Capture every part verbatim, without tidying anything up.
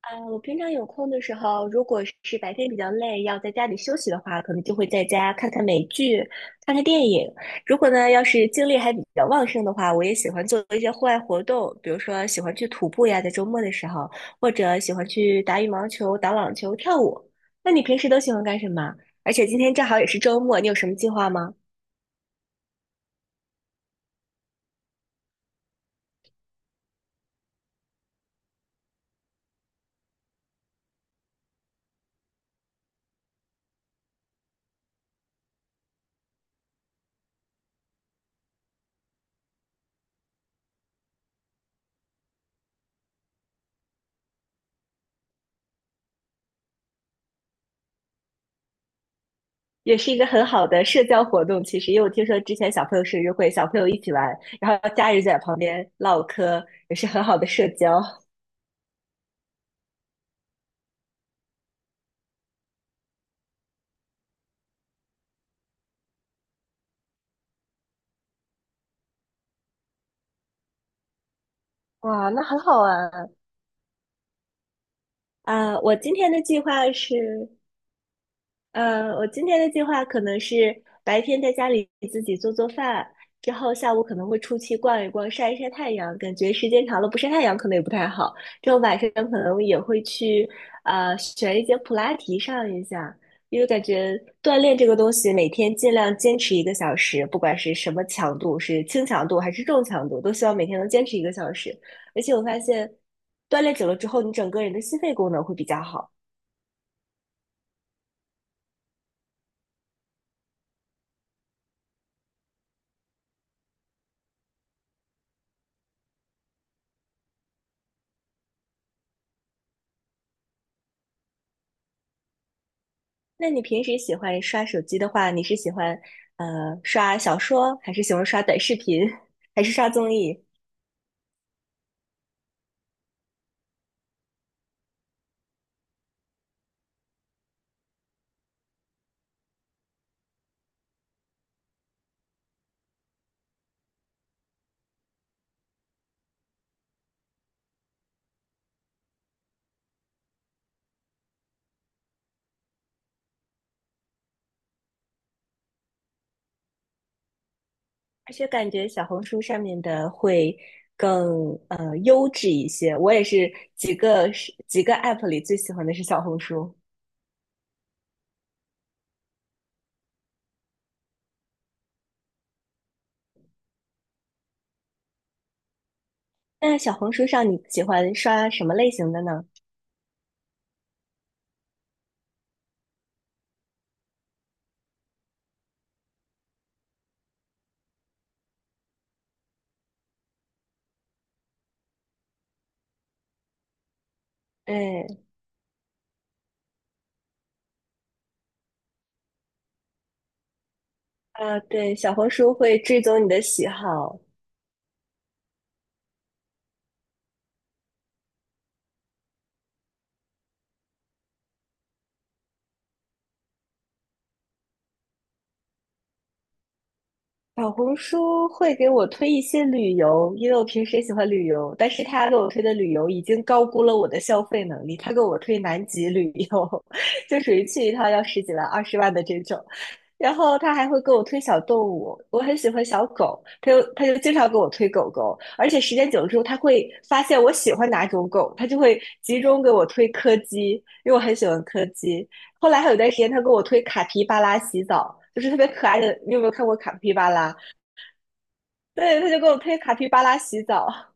啊，我平常有空的时候，如果是白天比较累，要在家里休息的话，可能就会在家看看美剧、看看电影。如果呢，要是精力还比较旺盛的话，我也喜欢做一些户外活动，比如说喜欢去徒步呀，在周末的时候，或者喜欢去打羽毛球、打网球、跳舞。那你平时都喜欢干什么？而且今天正好也是周末，你有什么计划吗？也是一个很好的社交活动。其实，因为我听说之前小朋友生日会，小朋友一起玩，然后家人在旁边唠嗑，也是很好的社交。哇，那很好玩。啊我今天的计划是呃，我今天的计划可能是白天在家里自己做做饭，之后下午可能会出去逛一逛，晒一晒太阳。感觉时间长了不晒太阳可能也不太好。之后晚上可能也会去呃选一节普拉提上一下，因为感觉锻炼这个东西每天尽量坚持一个小时，不管是什么强度，是轻强度还是重强度，都希望每天能坚持一个小时。而且我发现锻炼久了之后，你整个人的心肺功能会比较好。那你平时喜欢刷手机的话，你是喜欢呃刷小说，还是喜欢刷短视频，还是刷综艺？而且感觉小红书上面的会更呃优质一些。我也是几个几个 app 里最喜欢的是小红书。那小红书上你喜欢刷什么类型的呢？对。啊，对，小红书会追踪你的喜好。小红书会给我推一些旅游，因为我平时也喜欢旅游，但是他给我推的旅游已经高估了我的消费能力。他给我推南极旅游，就属于去一趟要十几万、二十万的这种。然后他还会给我推小动物，我很喜欢小狗，他就他就经常给我推狗狗，而且时间久了之后，他会发现我喜欢哪种狗，他就会集中给我推柯基，因为我很喜欢柯基。后来还有段时间，他给我推卡皮巴拉洗澡，就是特别可爱的。你有没有看过卡皮巴拉？对，他就给我推卡皮巴拉洗澡。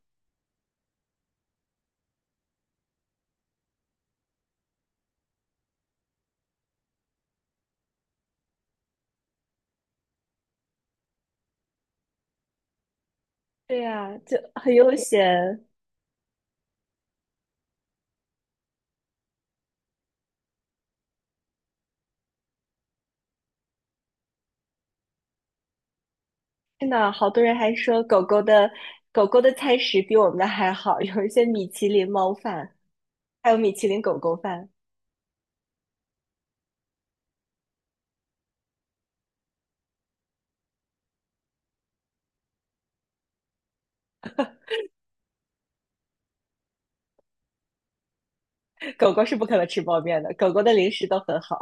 对呀，就很悠闲。真的，好多人还说狗狗的狗狗的餐食比我们的还好，有一些米其林猫饭，还有米其林狗狗饭。狗狗是不可能吃泡面的，狗狗的零食都很好。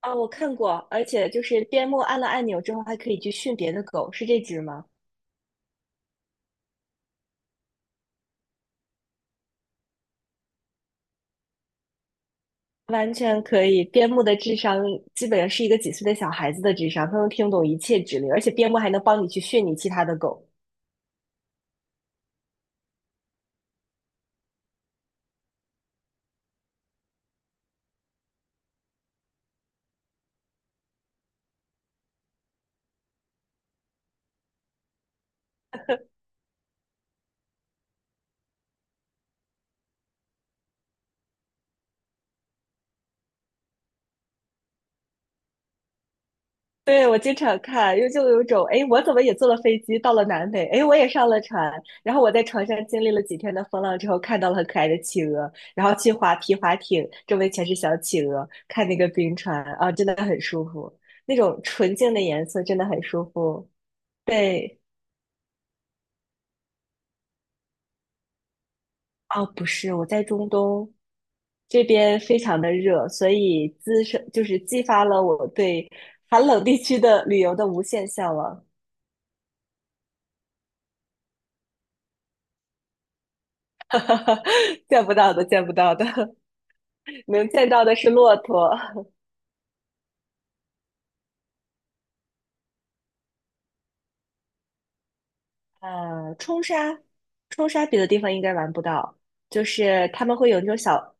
啊，我看过，而且就是边牧按了按钮之后，还可以去训别的狗，是这只吗？完全可以，边牧的智商基本上是一个几岁的小孩子的智商，他能听懂一切指令，而且边牧还能帮你去训你其他的狗。对，我经常看，又就有一种，哎，我怎么也坐了飞机到了南美，哎，我也上了船，然后我在船上经历了几天的风浪之后，看到了很可爱的企鹅，然后去划皮划艇，周围全是小企鹅，看那个冰川啊，真的很舒服，那种纯净的颜色真的很舒服。对。哦，不是，我在中东这边非常的热，所以滋生就是激发了我对寒冷地区的旅游的无限向往。见不到的，见不到的。能见到的是骆驼。呃，冲沙。冲沙别的地方应该玩不到，就是他们会有那种小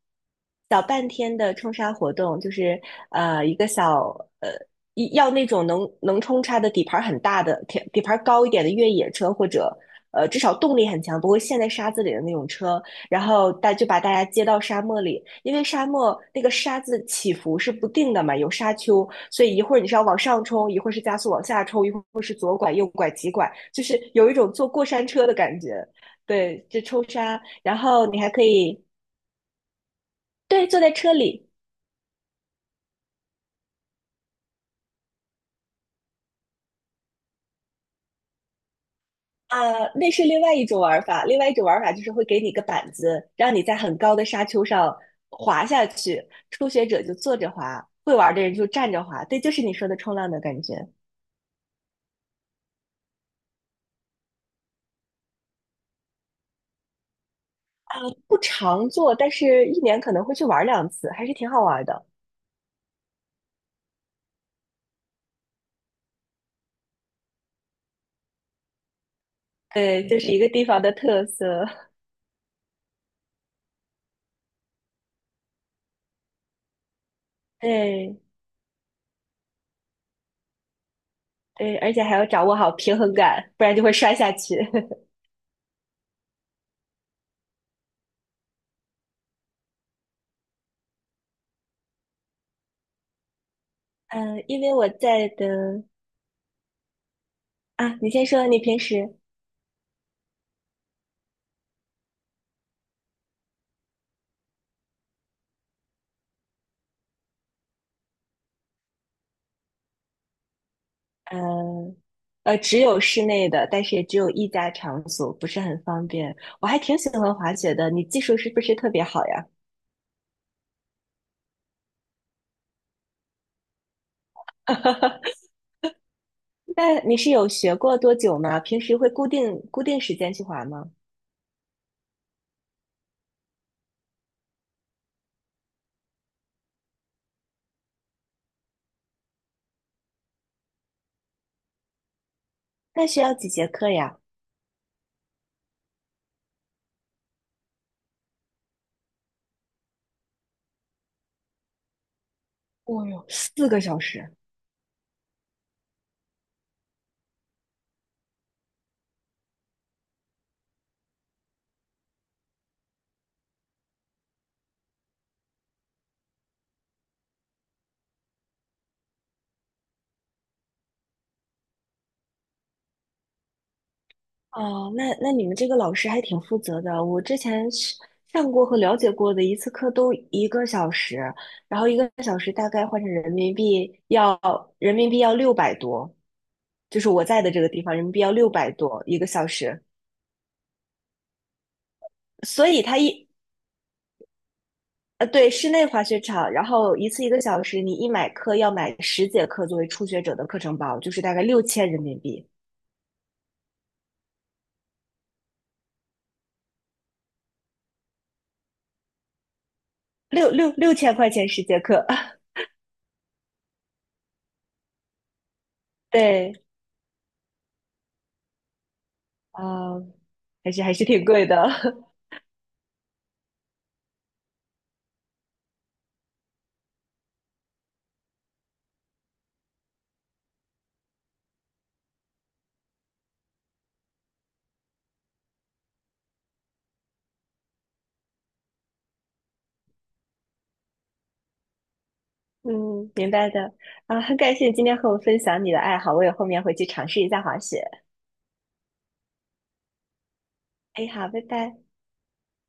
小半天的冲沙活动，就是呃一个小呃一要那种能能冲沙的底盘很大的底底盘高一点的越野车，或者呃至少动力很强，不会陷在沙子里的那种车，然后大就把大家接到沙漠里，因为沙漠那个沙子起伏是不定的嘛，有沙丘，所以一会儿你是要往上冲，一会儿是加速往下冲，一会儿是左拐右拐急拐，就是有一种坐过山车的感觉。对，就冲沙，然后你还可以。对，坐在车里。啊，那是另外一种玩法。另外一种玩法就是会给你一个板子，让你在很高的沙丘上滑下去。初学者就坐着滑，会玩的人就站着滑。对，就是你说的冲浪的感觉。不常做，但是一年可能会去玩两次，还是挺好玩的。对，这是一个地方的特色。对对，而且还要掌握好平衡感，不然就会摔下去。嗯，因为我在的。啊，你先说，你平时。呃呃只有室内的，但是也只有一家场所，不是很方便。我还挺喜欢滑雪的，你技术是不是特别好呀？那你是有学过多久吗？平时会固定固定时间去滑吗？那需要几节课呀？哦哟，四个小时。哦，那那你们这个老师还挺负责的。我之前是上过和了解过的一次课都一个小时，然后一个小时大概换成人民币要人民币要六百多，就是我在的这个地方人民币要六百多一个小时。所以他一呃对，室内滑雪场，然后一次一个小时，你一买课要买十节课作为初学者的课程包，就是大概六千人民币，六六六千块钱十节课。对，啊，还是还是挺贵的。嗯，明白的。啊，很感谢你今天和我分享你的爱好，我也后面回去尝试一下滑雪。哎，好，拜拜。